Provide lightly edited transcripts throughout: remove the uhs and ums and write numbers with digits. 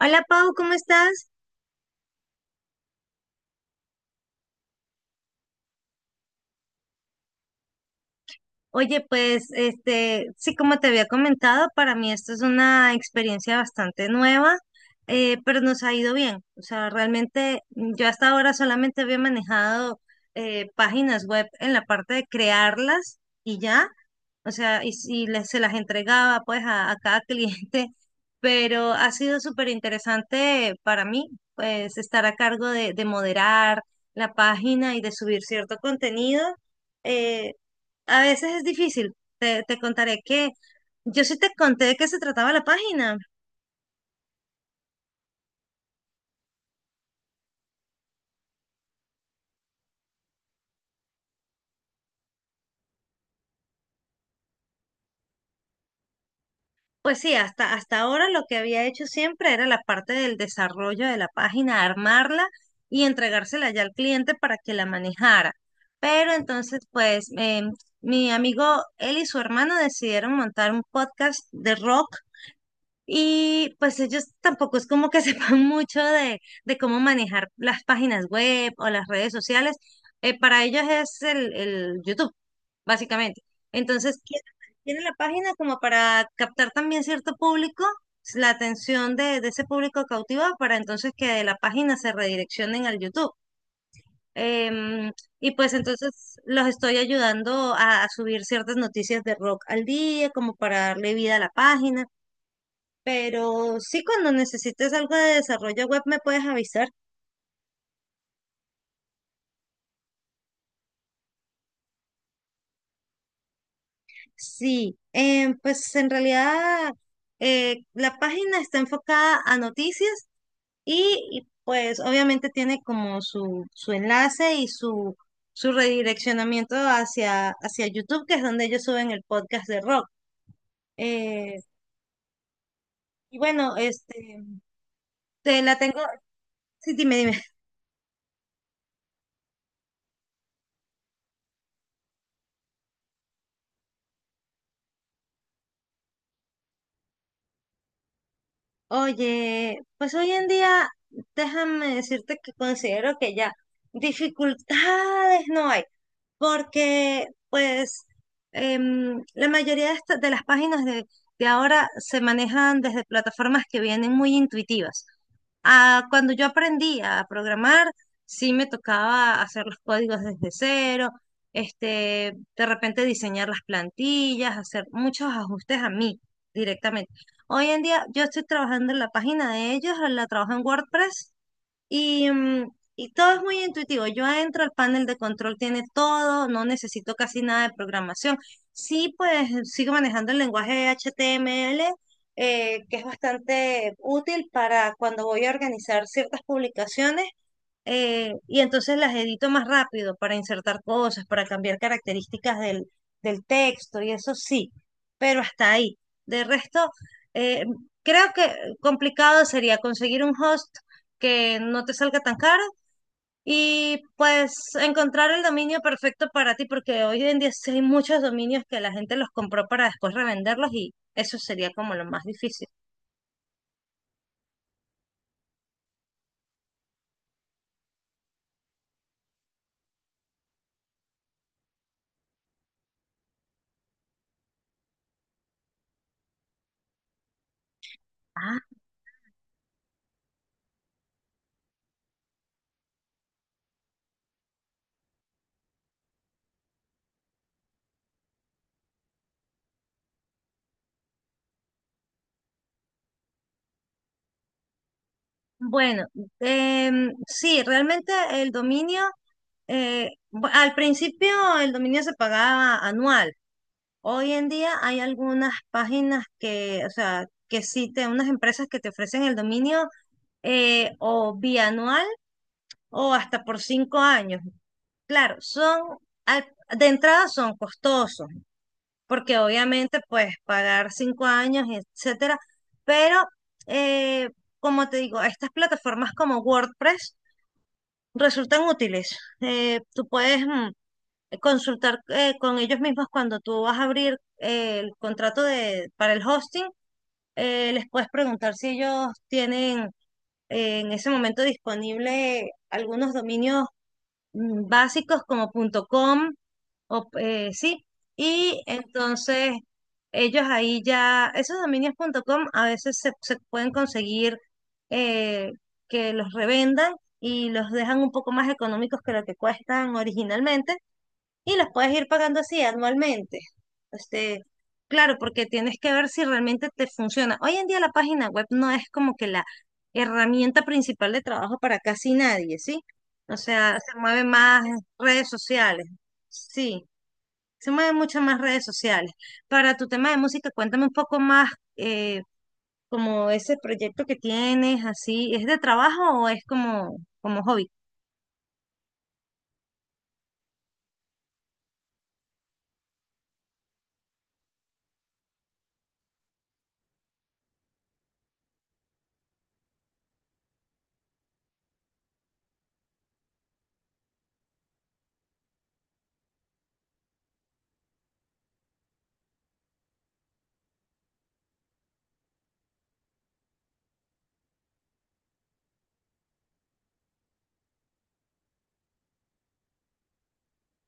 Hola Pau, ¿cómo estás? Oye, pues sí, como te había comentado, para mí esto es una experiencia bastante nueva, pero nos ha ido bien. O sea, realmente yo hasta ahora solamente había manejado páginas web en la parte de crearlas y ya, o sea, y si les, se las entregaba pues a cada cliente, pero ha sido súper interesante para mí, pues estar a cargo de moderar la página y de subir cierto contenido. Eh, a veces es difícil, te contaré que yo sí te conté de qué se trataba la página. Pues sí, hasta ahora lo que había hecho siempre era la parte del desarrollo de la página, armarla y entregársela ya al cliente para que la manejara. Pero entonces, pues, mi amigo él y su hermano decidieron montar un podcast de rock y pues ellos tampoco es como que sepan mucho de cómo manejar las páginas web o las redes sociales. Para ellos es el YouTube, básicamente. Entonces, tienen la página como para captar también cierto público, la atención de ese público cautiva, para entonces que de la página se redireccionen al YouTube. Em, y pues entonces los estoy ayudando a subir ciertas noticias de rock al día, como para darle vida a la página, pero sí, cuando necesites algo de desarrollo web me puedes avisar. Sí, pues en realidad la página está enfocada a noticias y pues obviamente tiene como su enlace y su redireccionamiento hacia YouTube, que es donde ellos suben el podcast de rock. Eh, y bueno, te la tengo. Sí, dime, dime. Oye, pues hoy en día, déjame decirte que considero que ya dificultades no hay, porque pues la mayoría de las páginas de ahora se manejan desde plataformas que vienen muy intuitivas. Ah, cuando yo aprendí a programar, sí me tocaba hacer los códigos desde cero, este, de repente diseñar las plantillas, hacer muchos ajustes a mí directamente. Hoy en día yo estoy trabajando en la página de ellos, la trabajo en WordPress y, y todo es muy intuitivo. Yo entro, el panel de control tiene todo, no necesito casi nada de programación. Sí, pues sigo manejando el lenguaje HTML, que es bastante útil para cuando voy a organizar ciertas publicaciones, y entonces las edito más rápido para insertar cosas, para cambiar características del texto y eso sí, pero hasta ahí. De resto, eh, creo que complicado sería conseguir un host que no te salga tan caro y pues encontrar el dominio perfecto para ti, porque hoy en día sí hay muchos dominios que la gente los compró para después revenderlos y eso sería como lo más difícil. Ah, bueno, sí, realmente el dominio al principio el dominio se pagaba anual. Hoy en día hay algunas páginas que, o sea, unas empresas que te ofrecen el dominio, o bianual o hasta por 5 años. Claro, al- de entrada son costosos, porque obviamente pues pagar 5 años, etcétera, pero eh, como te digo, estas plataformas como WordPress resultan útiles. Tú puedes consultar con ellos mismos cuando tú vas a abrir el contrato para el hosting, les puedes preguntar si ellos tienen en ese momento disponible algunos dominios básicos como punto .com o sí, y entonces ellos ahí ya, esos dominios punto .com a veces se pueden conseguir eh, que los revendan y los dejan un poco más económicos que lo que cuestan originalmente y los puedes ir pagando así anualmente. Este, claro, porque tienes que ver si realmente te funciona. Hoy en día la página web no es como que la herramienta principal de trabajo para casi nadie, ¿sí? O sea, se mueven más redes sociales, sí, se mueven muchas más redes sociales. Para tu tema de música, cuéntame un poco más, eh, como ese proyecto que tienes, así, ¿es de trabajo o es como, como hobby?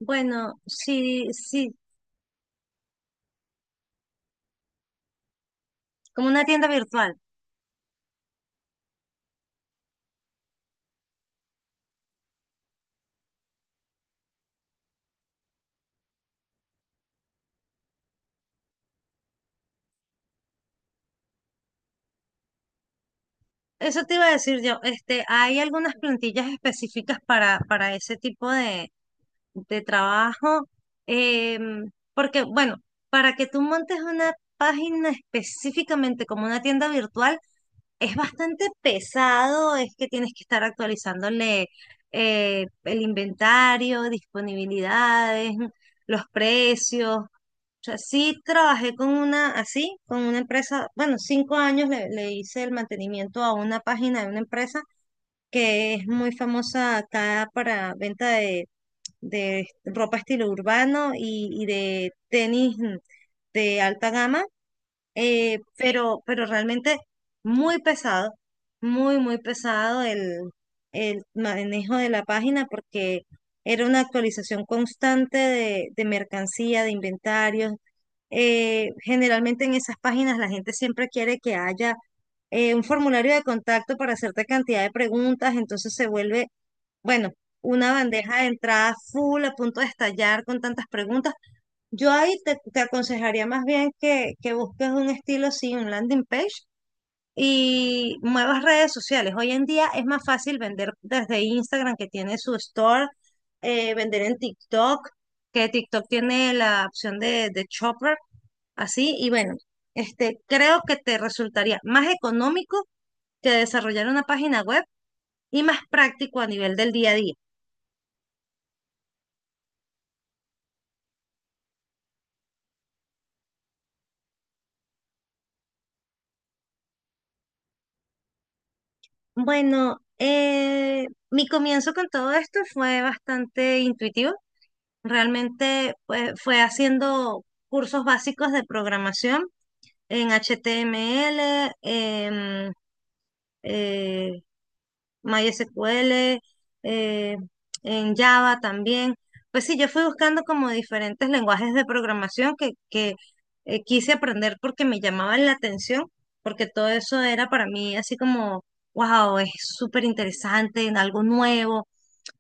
Bueno, sí, sí, como una tienda virtual. Eso te iba a decir yo, este, hay algunas plantillas específicas para ese tipo de trabajo, porque bueno, para que tú montes una página específicamente como una tienda virtual, es bastante pesado, es que tienes que estar actualizándole, el inventario, disponibilidades, los precios, o sea, sí trabajé con una así, con una empresa, bueno, 5 años le hice el mantenimiento a una página de una empresa que es muy famosa acá para venta de ropa estilo urbano y de tenis, de alta gama, pero realmente muy pesado, muy pesado el manejo de la página porque era una actualización constante de mercancía, de inventarios, generalmente en esas páginas la gente siempre quiere que haya un formulario de contacto para hacerte cantidad de preguntas, entonces se vuelve, bueno, una bandeja de entrada full a punto de estallar con tantas preguntas. Yo ahí te aconsejaría más bien que busques un estilo así, un landing page y muevas redes sociales. Hoy en día es más fácil vender desde Instagram que tiene su store, vender en TikTok, que TikTok tiene la opción de shopper. Así, y bueno, este, creo que te resultaría más económico que desarrollar una página web y más práctico a nivel del día a día. Bueno, mi comienzo con todo esto fue bastante intuitivo. Realmente pues, fue haciendo cursos básicos de programación en HTML, eh, MySQL, eh, en Java también. Pues sí, yo fui buscando como diferentes lenguajes de programación que quise aprender porque me llamaban la atención, porque todo eso era para mí así como, wow, es súper interesante, algo nuevo.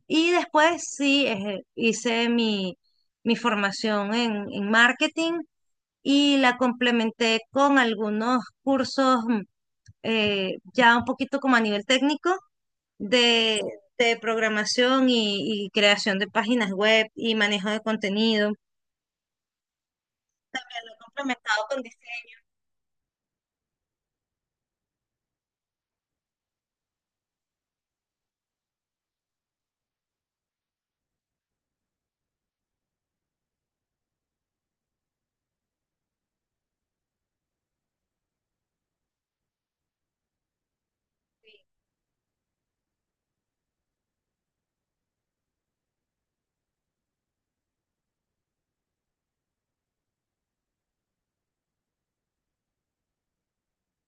Y después sí, hice mi formación en marketing y la complementé con algunos cursos ya un poquito como a nivel técnico de, de programación y creación de páginas web y manejo de contenido. Lo he complementado con diseño.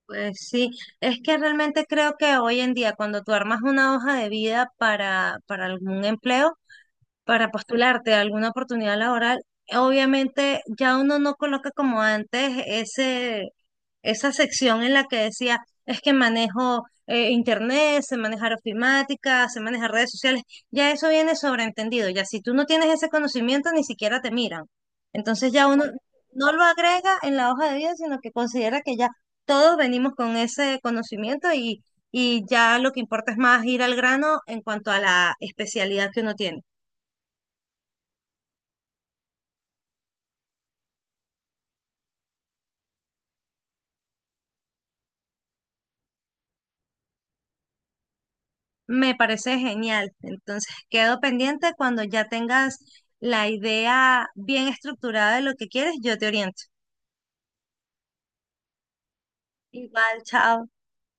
Pues sí, es que realmente creo que hoy en día cuando tú armas una hoja de vida para algún empleo, para postularte a alguna oportunidad laboral, obviamente ya uno no coloca como antes ese, esa sección en la que decía, es que manejo internet, sé manejar ofimática, sé manejar redes sociales, ya eso viene sobreentendido, ya si tú no tienes ese conocimiento ni siquiera te miran. Entonces ya uno no lo agrega en la hoja de vida, sino que considera que ya todos venimos con ese conocimiento y ya lo que importa es más ir al grano en cuanto a la especialidad que uno tiene. Me parece genial. Entonces, quedo pendiente cuando ya tengas la idea bien estructurada de lo que quieres, yo te oriento. Igual, chao.